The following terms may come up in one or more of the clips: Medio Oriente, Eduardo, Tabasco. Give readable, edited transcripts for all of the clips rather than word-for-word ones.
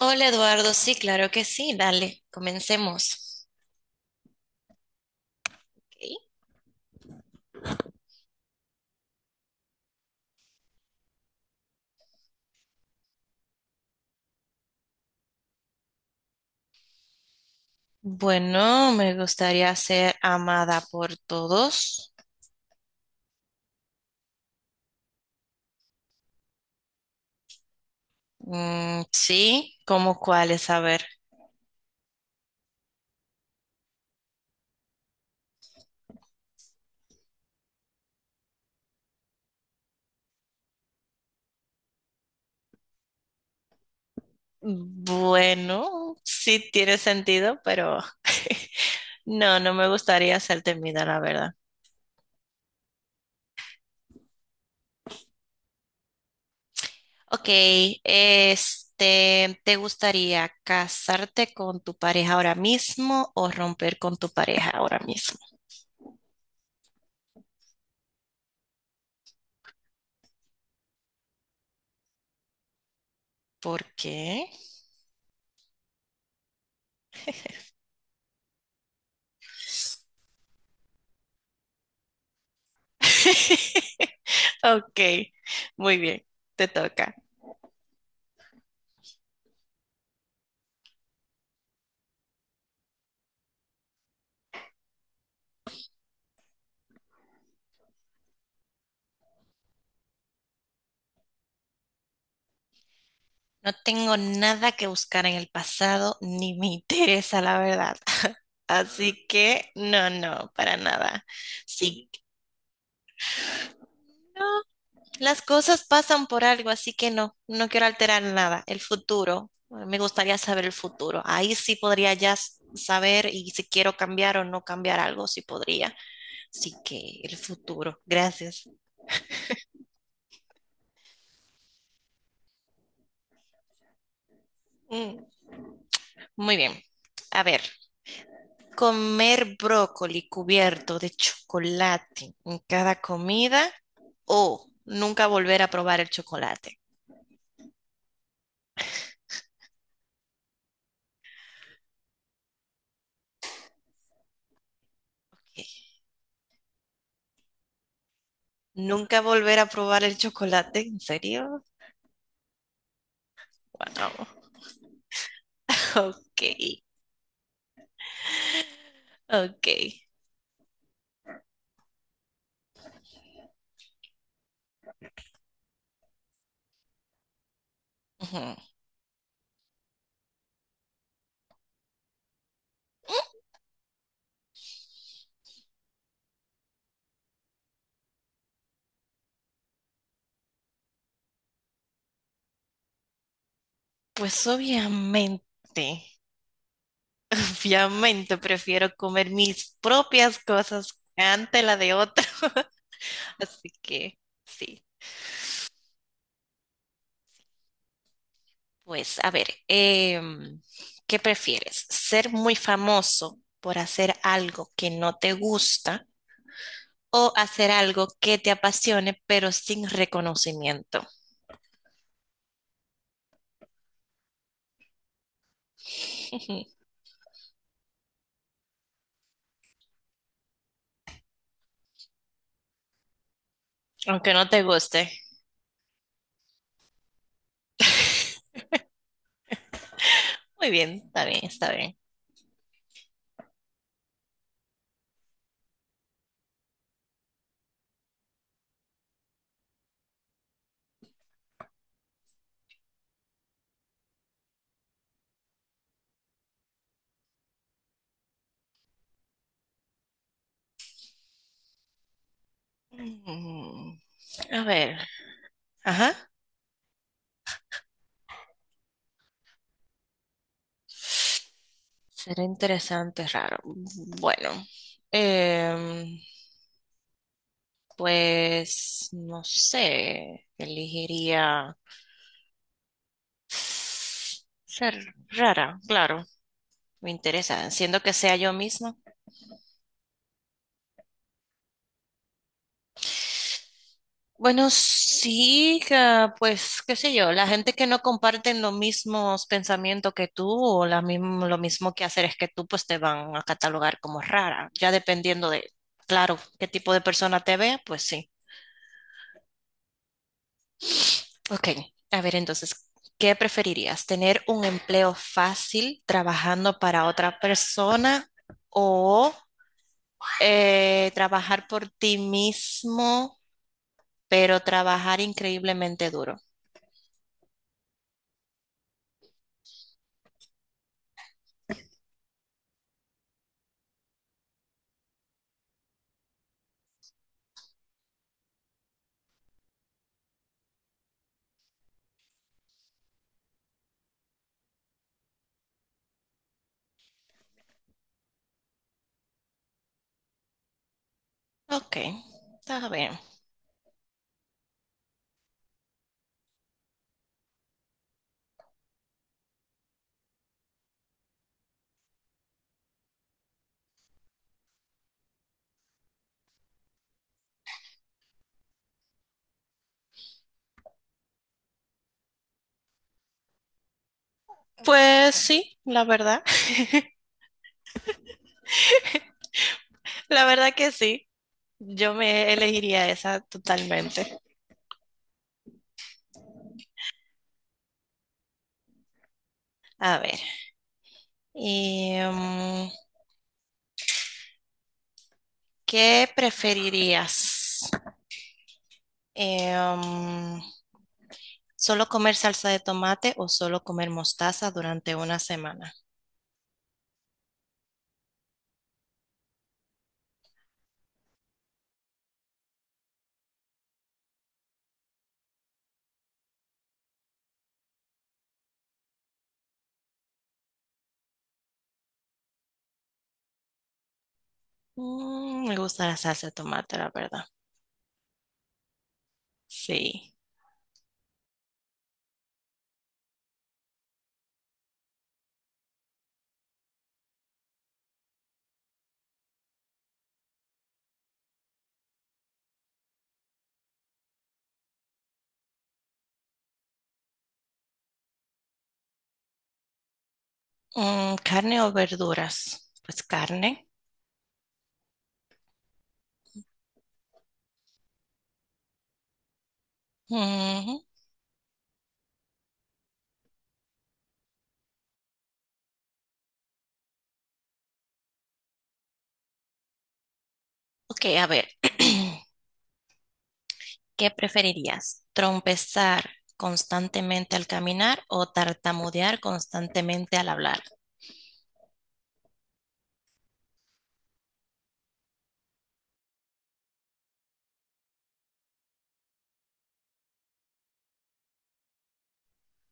Hola Eduardo, sí, claro que sí, dale, comencemos. Ok. Bueno, me gustaría ser amada por todos. Mm, sí, ¿cómo cuáles? A ver. Bueno, sí tiene sentido, pero no, no me gustaría ser temida, la verdad. Ok, este, ¿te gustaría casarte con tu pareja ahora mismo o romper con tu pareja ahora mismo? ¿Por qué? Ok, muy bien, te toca. No tengo nada que buscar en el pasado ni me interesa, la verdad. Así que no, no, para nada. Sí, no, las cosas pasan por algo, así que no, no quiero alterar nada. El futuro, me gustaría saber el futuro. Ahí sí podría ya saber y si quiero cambiar o no cambiar algo, sí podría. Así que el futuro, gracias. Mm, muy bien. A ver. Comer brócoli cubierto de chocolate en cada comida o nunca volver a probar el chocolate. Ok. Nunca volver a probar el chocolate, ¿en serio? Wow. Ok, ok. Ujú. Pues obviamente, obviamente prefiero comer mis propias cosas ante la de otro. Así que sí. Pues, a ver, ¿qué prefieres? ¿Ser muy famoso por hacer algo que no te gusta o hacer algo que te apasione pero sin reconocimiento? Aunque no te guste. Muy bien, está bien, está bien. Mm, a ver, ajá. Será interesante, raro. Bueno, em, pues no sé, elegiría ser rara, claro. Me interesa, siendo que sea yo misma. Bueno, sí, pues qué sé yo, la gente que no comparten los mismos pensamientos que tú o la mismo, lo mismo que hacer es que tú, pues te van a catalogar como rara, ya dependiendo de, claro, qué tipo de persona te vea, pues sí. Ok, a ver entonces, ¿qué preferirías? ¿Tener un empleo fácil trabajando para otra persona o trabajar por ti mismo, pero trabajar increíblemente duro? Ok, está bien. Pues sí, la verdad, la verdad que sí. Yo me elegiría esa totalmente. A ver, em, ¿qué preferirías? Em, ¿Solo comer salsa de tomate o solo comer mostaza durante una semana? Me gusta la salsa de tomate, la verdad. Sí. ¿Carne o verduras? Pues carne. Ujú. Ok, a ver, ¿qué preferirías? ¿Trompezar constantemente al caminar o tartamudear constantemente al hablar?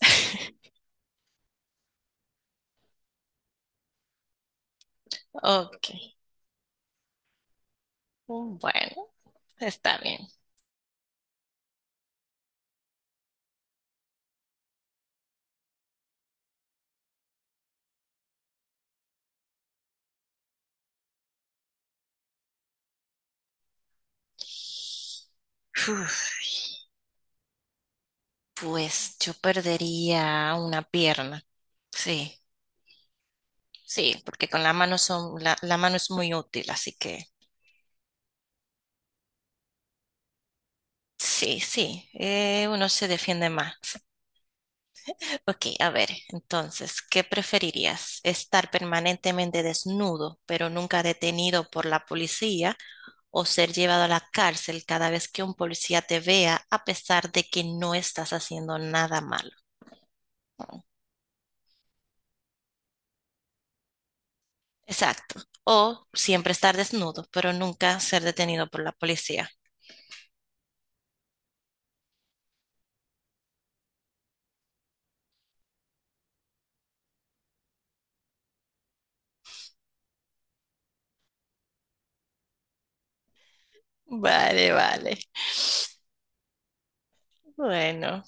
Ok, bueno, está bien. Uf, pues yo perdería una pierna. Sí, sí, porque con la mano son, la mano es muy útil, así que sí, sí, uno se defiende más. Ok, a ver, entonces, ¿qué preferirías? ¿Estar permanentemente desnudo, pero nunca detenido por la policía, o ser llevado a la cárcel cada vez que un policía te vea, a pesar de que no estás haciendo nada malo? Exacto. O siempre estar desnudo, pero nunca ser detenido por la policía. Vale, vale. Bueno,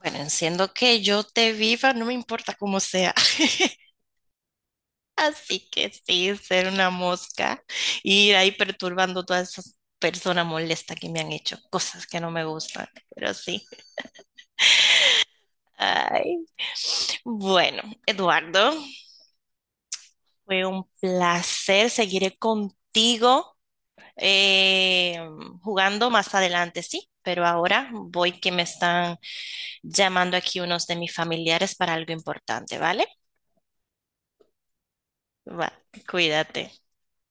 bueno, siendo que yo te viva, no me importa cómo sea. Así que sí, ser una mosca, ir ahí perturbando todas esas personas molestas que me han hecho cosas que no me gustan, pero sí. Ay, bueno, Eduardo, fue un placer. Seguiré contigo eh, jugando más adelante, sí, pero ahora voy que me están llamando aquí unos de mis familiares para algo importante, ¿vale? Va, cuídate.